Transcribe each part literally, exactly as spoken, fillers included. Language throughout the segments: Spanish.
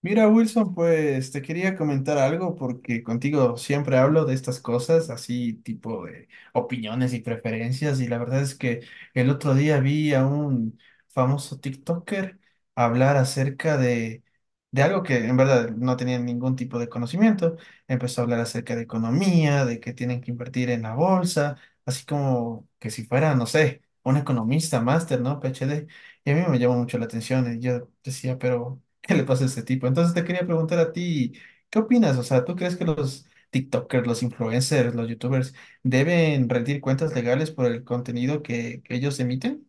Mira, Wilson, pues te quería comentar algo porque contigo siempre hablo de estas cosas, así tipo de opiniones y preferencias, y la verdad es que el otro día vi a un famoso TikToker hablar acerca de, de algo que en verdad no tenía ningún tipo de conocimiento. Empezó a hablar acerca de economía, de que tienen que invertir en la bolsa, así como que si fuera, no sé, un economista, máster, ¿no? PhD. Y a mí me llamó mucho la atención y yo decía, pero... ¿Qué le pasa a este tipo? Entonces te quería preguntar a ti, ¿qué opinas? O sea, ¿tú crees que los TikTokers, los influencers, los YouTubers deben rendir cuentas legales por el contenido que, que ellos emiten?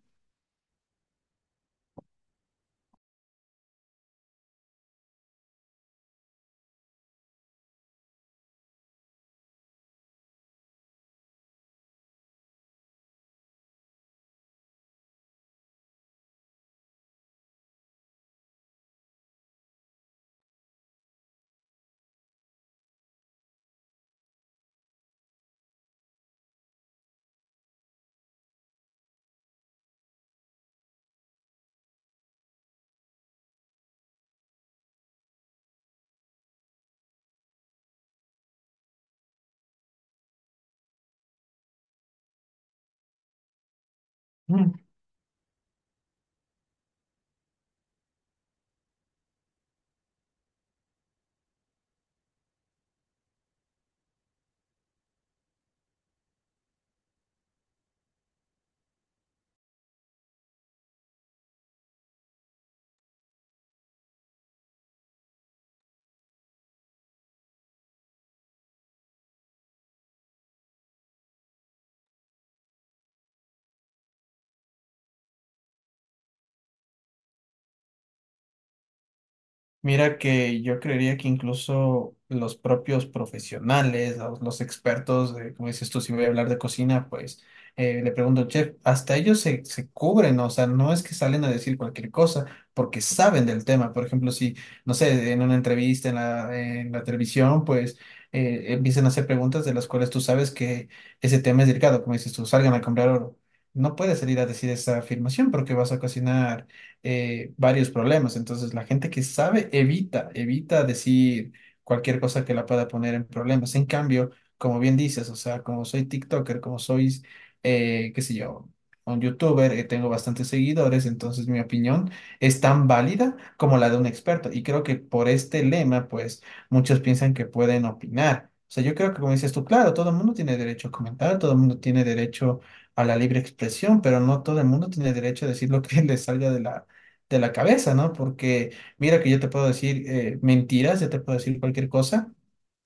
Mira que yo creería que incluso los propios profesionales, los, los expertos, de, como dices tú, si voy a hablar de cocina, pues eh, le pregunto, chef, hasta ellos se, se cubren, ¿no? O sea, no es que salen a decir cualquier cosa, porque saben del tema. Por ejemplo, si, no sé, en una entrevista en la, en la televisión, pues eh, empiezan a hacer preguntas de las cuales tú sabes que ese tema es delicado, como dices tú, salgan a comprar oro. No puedes salir a decir esa afirmación porque vas a cocinar eh, varios problemas. Entonces, la gente que sabe evita, evita decir cualquier cosa que la pueda poner en problemas. En cambio, como bien dices, o sea, como soy TikToker, como sois, eh, qué sé yo, un YouTuber, eh, tengo bastantes seguidores, entonces mi opinión es tan válida como la de un experto. Y creo que por este lema, pues, muchos piensan que pueden opinar. O sea, yo creo que como dices tú, claro, todo el mundo tiene derecho a comentar, todo el mundo tiene derecho a la libre expresión, pero no todo el mundo tiene derecho a decir lo que le salga de la, de la cabeza, ¿no? Porque mira que yo te puedo decir eh, mentiras, yo te puedo decir cualquier cosa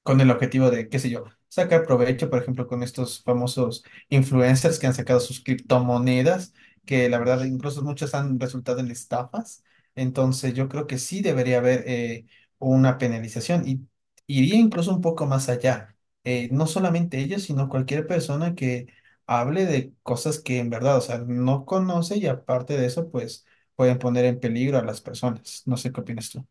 con el objetivo de, qué sé yo, sacar provecho, por ejemplo, con estos famosos influencers que han sacado sus criptomonedas, que la verdad incluso muchas han resultado en estafas. Entonces yo creo que sí debería haber eh, una penalización y iría incluso un poco más allá. Eh, no solamente ellos, sino cualquier persona que hable de cosas que en verdad, o sea, no conoce y aparte de eso, pues pueden poner en peligro a las personas. No sé qué opinas tú.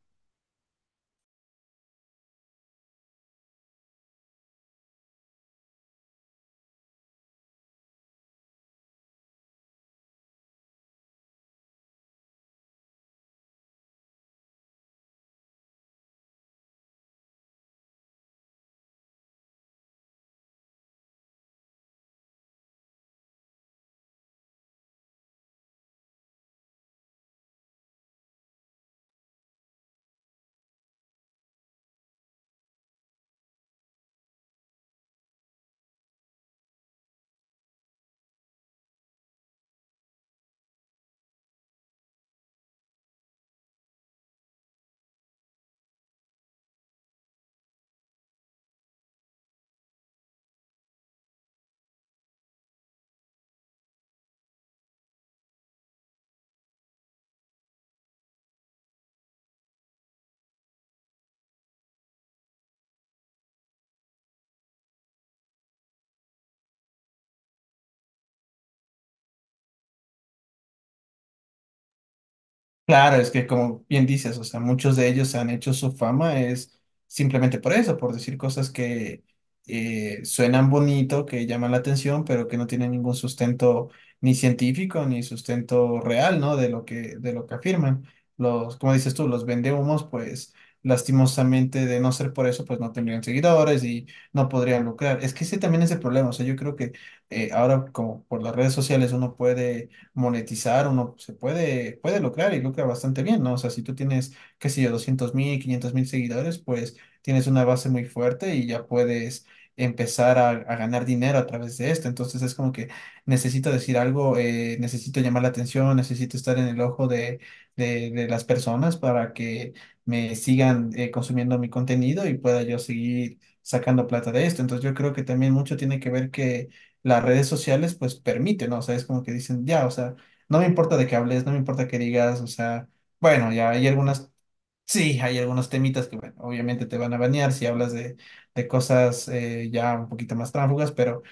Claro, es que como bien dices, o sea, muchos de ellos han hecho su fama es simplemente por eso, por decir cosas que eh, suenan bonito, que llaman la atención, pero que no tienen ningún sustento ni científico ni sustento real, ¿no? De lo que de lo que afirman. Los, como dices tú, los vendehumos, pues lastimosamente de no ser por eso, pues no tendrían seguidores y no podrían lucrar. Es que ese también es el problema, o sea, yo creo que eh, ahora como por las redes sociales uno puede monetizar, uno se puede, puede lucrar y lucra bastante bien, ¿no? O sea, si tú tienes, qué sé yo, doscientos mil, quinientos mil seguidores, pues tienes una base muy fuerte y ya puedes empezar a, a ganar dinero a través de esto. Entonces es como que necesito decir algo, eh, necesito llamar la atención, necesito estar en el ojo de, de, de las personas para que me sigan eh, consumiendo mi contenido y pueda yo seguir sacando plata de esto. Entonces yo creo que también mucho tiene que ver que las redes sociales pues permiten, ¿no? O sea, es como que dicen, ya, o sea, no me importa de qué hables, no me importa qué digas, o sea, bueno, ya hay algunas, sí, hay algunos temitas que, bueno, obviamente te van a banear si hablas de, de cosas eh, ya un poquito más tráfugas, pero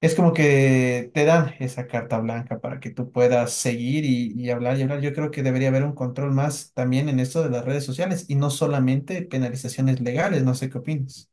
es como que te dan esa carta blanca para que tú puedas seguir y, y hablar y hablar. Yo creo que debería haber un control más también en esto de las redes sociales y no solamente penalizaciones legales, no sé qué opinas.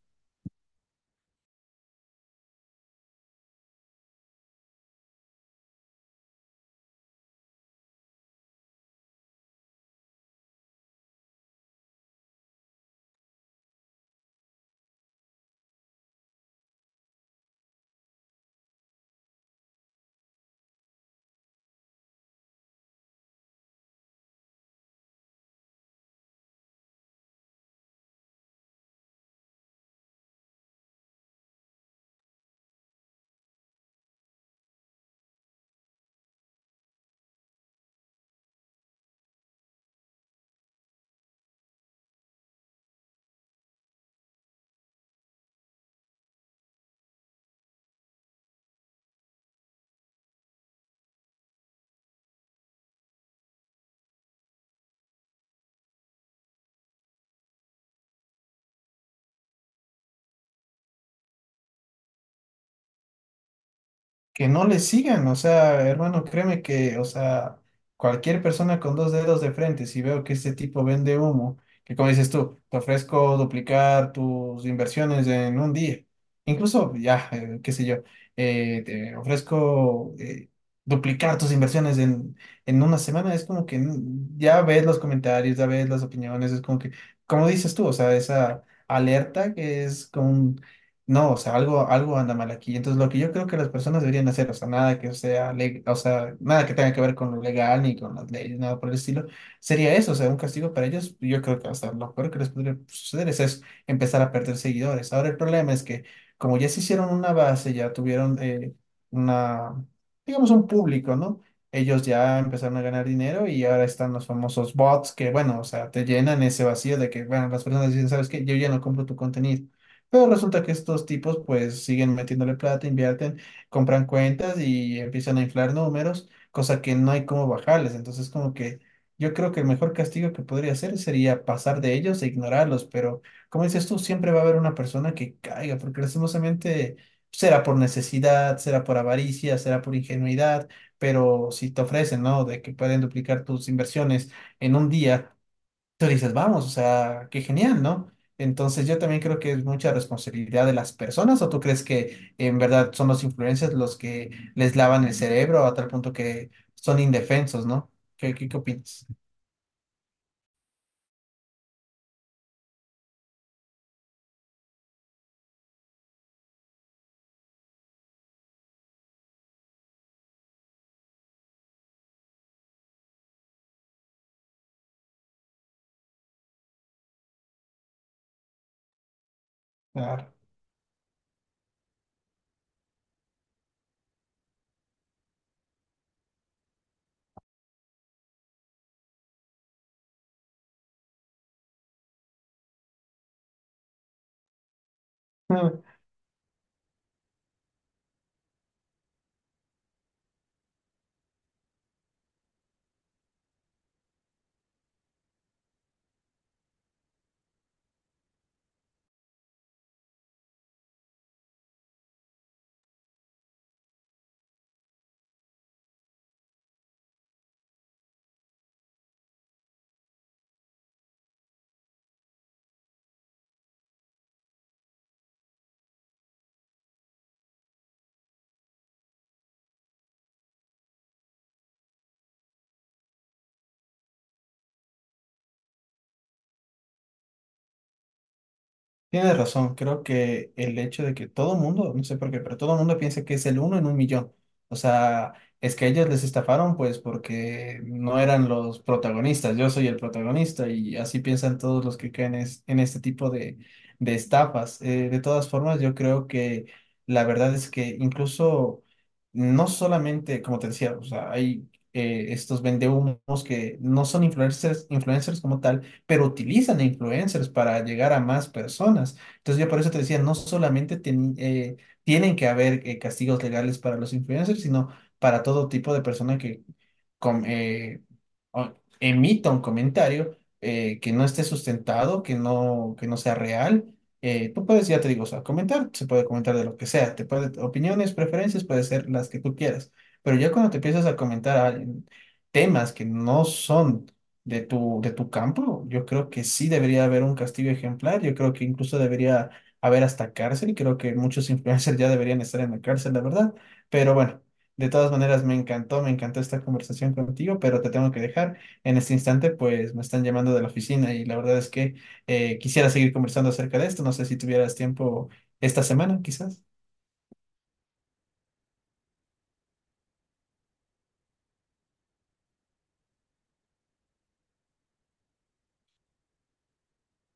Que no le sigan, o sea, hermano, créeme que, o sea, cualquier persona con dos dedos de frente, si veo que este tipo vende humo, que como dices tú, te ofrezco duplicar tus inversiones en un día, incluso ya, eh, qué sé yo, eh, te ofrezco eh, duplicar tus inversiones en, en una semana, es como que mm, ya ves los comentarios, ya ves las opiniones, es como que, como dices tú, o sea, esa alerta que es como un no, o sea, algo, algo anda mal aquí. Entonces, lo que yo creo que las personas deberían hacer, o sea, nada que sea, le- o sea, nada que tenga que ver con lo legal ni con las leyes, nada por el estilo, sería eso, o sea, un castigo para ellos. Yo creo que hasta lo peor que les podría suceder es eso, empezar a perder seguidores. Ahora, el problema es que, como ya se hicieron una base, ya tuvieron eh, una, digamos, un público, ¿no? Ellos ya empezaron a ganar dinero y ahora están los famosos bots que, bueno, o sea, te llenan ese vacío de que, bueno, las personas dicen, ¿sabes qué? Yo ya no compro tu contenido. Pero resulta que estos tipos pues siguen metiéndole plata, invierten, compran cuentas y empiezan a inflar números, cosa que no hay cómo bajarles. Entonces como que yo creo que el mejor castigo que podría hacer sería pasar de ellos e ignorarlos. Pero como dices tú, siempre va a haber una persona que caiga, porque lastimosamente será por necesidad, será por avaricia, será por ingenuidad, pero si te ofrecen, ¿no? De que pueden duplicar tus inversiones en un día. Tú dices, vamos, o sea, qué genial, ¿no? Entonces yo también creo que es mucha responsabilidad de las personas. ¿O tú crees que en verdad son los influencers los que les lavan el cerebro a tal punto que son indefensos, ¿no? ¿Qué, qué, qué opinas? Claro. Tienes razón, creo que el hecho de que todo el mundo, no sé por qué, pero todo el mundo piensa que es el uno en un millón. O sea, es que ellos les estafaron pues porque no eran los protagonistas, yo soy el protagonista y así piensan todos los que caen es- en este tipo de, de estafas. Eh, de todas formas, yo creo que la verdad es que incluso no solamente, como te decía, o sea, hay eh, estos vendehumos que no son influencers, influencers, como tal pero utilizan a influencers para llegar a más personas. Entonces yo por eso te decía, no solamente teni- eh, tienen que haber eh, castigos legales para los influencers, sino para todo tipo de persona que com- eh, o- emita un comentario eh, que no esté sustentado, que no, que no sea real, eh, tú puedes, ya te digo, o sea, comentar, se puede comentar de lo que sea, te puede, opiniones, preferencias, puede ser las que tú quieras, pero ya cuando te empiezas a comentar a- en temas que no son de tu, de tu campo, yo creo que sí debería haber un castigo ejemplar, yo creo que incluso debería haber hasta cárcel, y creo que muchos influencers ya deberían estar en la cárcel, la verdad, pero bueno. De todas maneras, me encantó, me encantó esta conversación contigo, pero te tengo que dejar. En este instante, pues me están llamando de la oficina y la verdad es que eh, quisiera seguir conversando acerca de esto. No sé si tuvieras tiempo esta semana, quizás.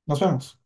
Nos vemos.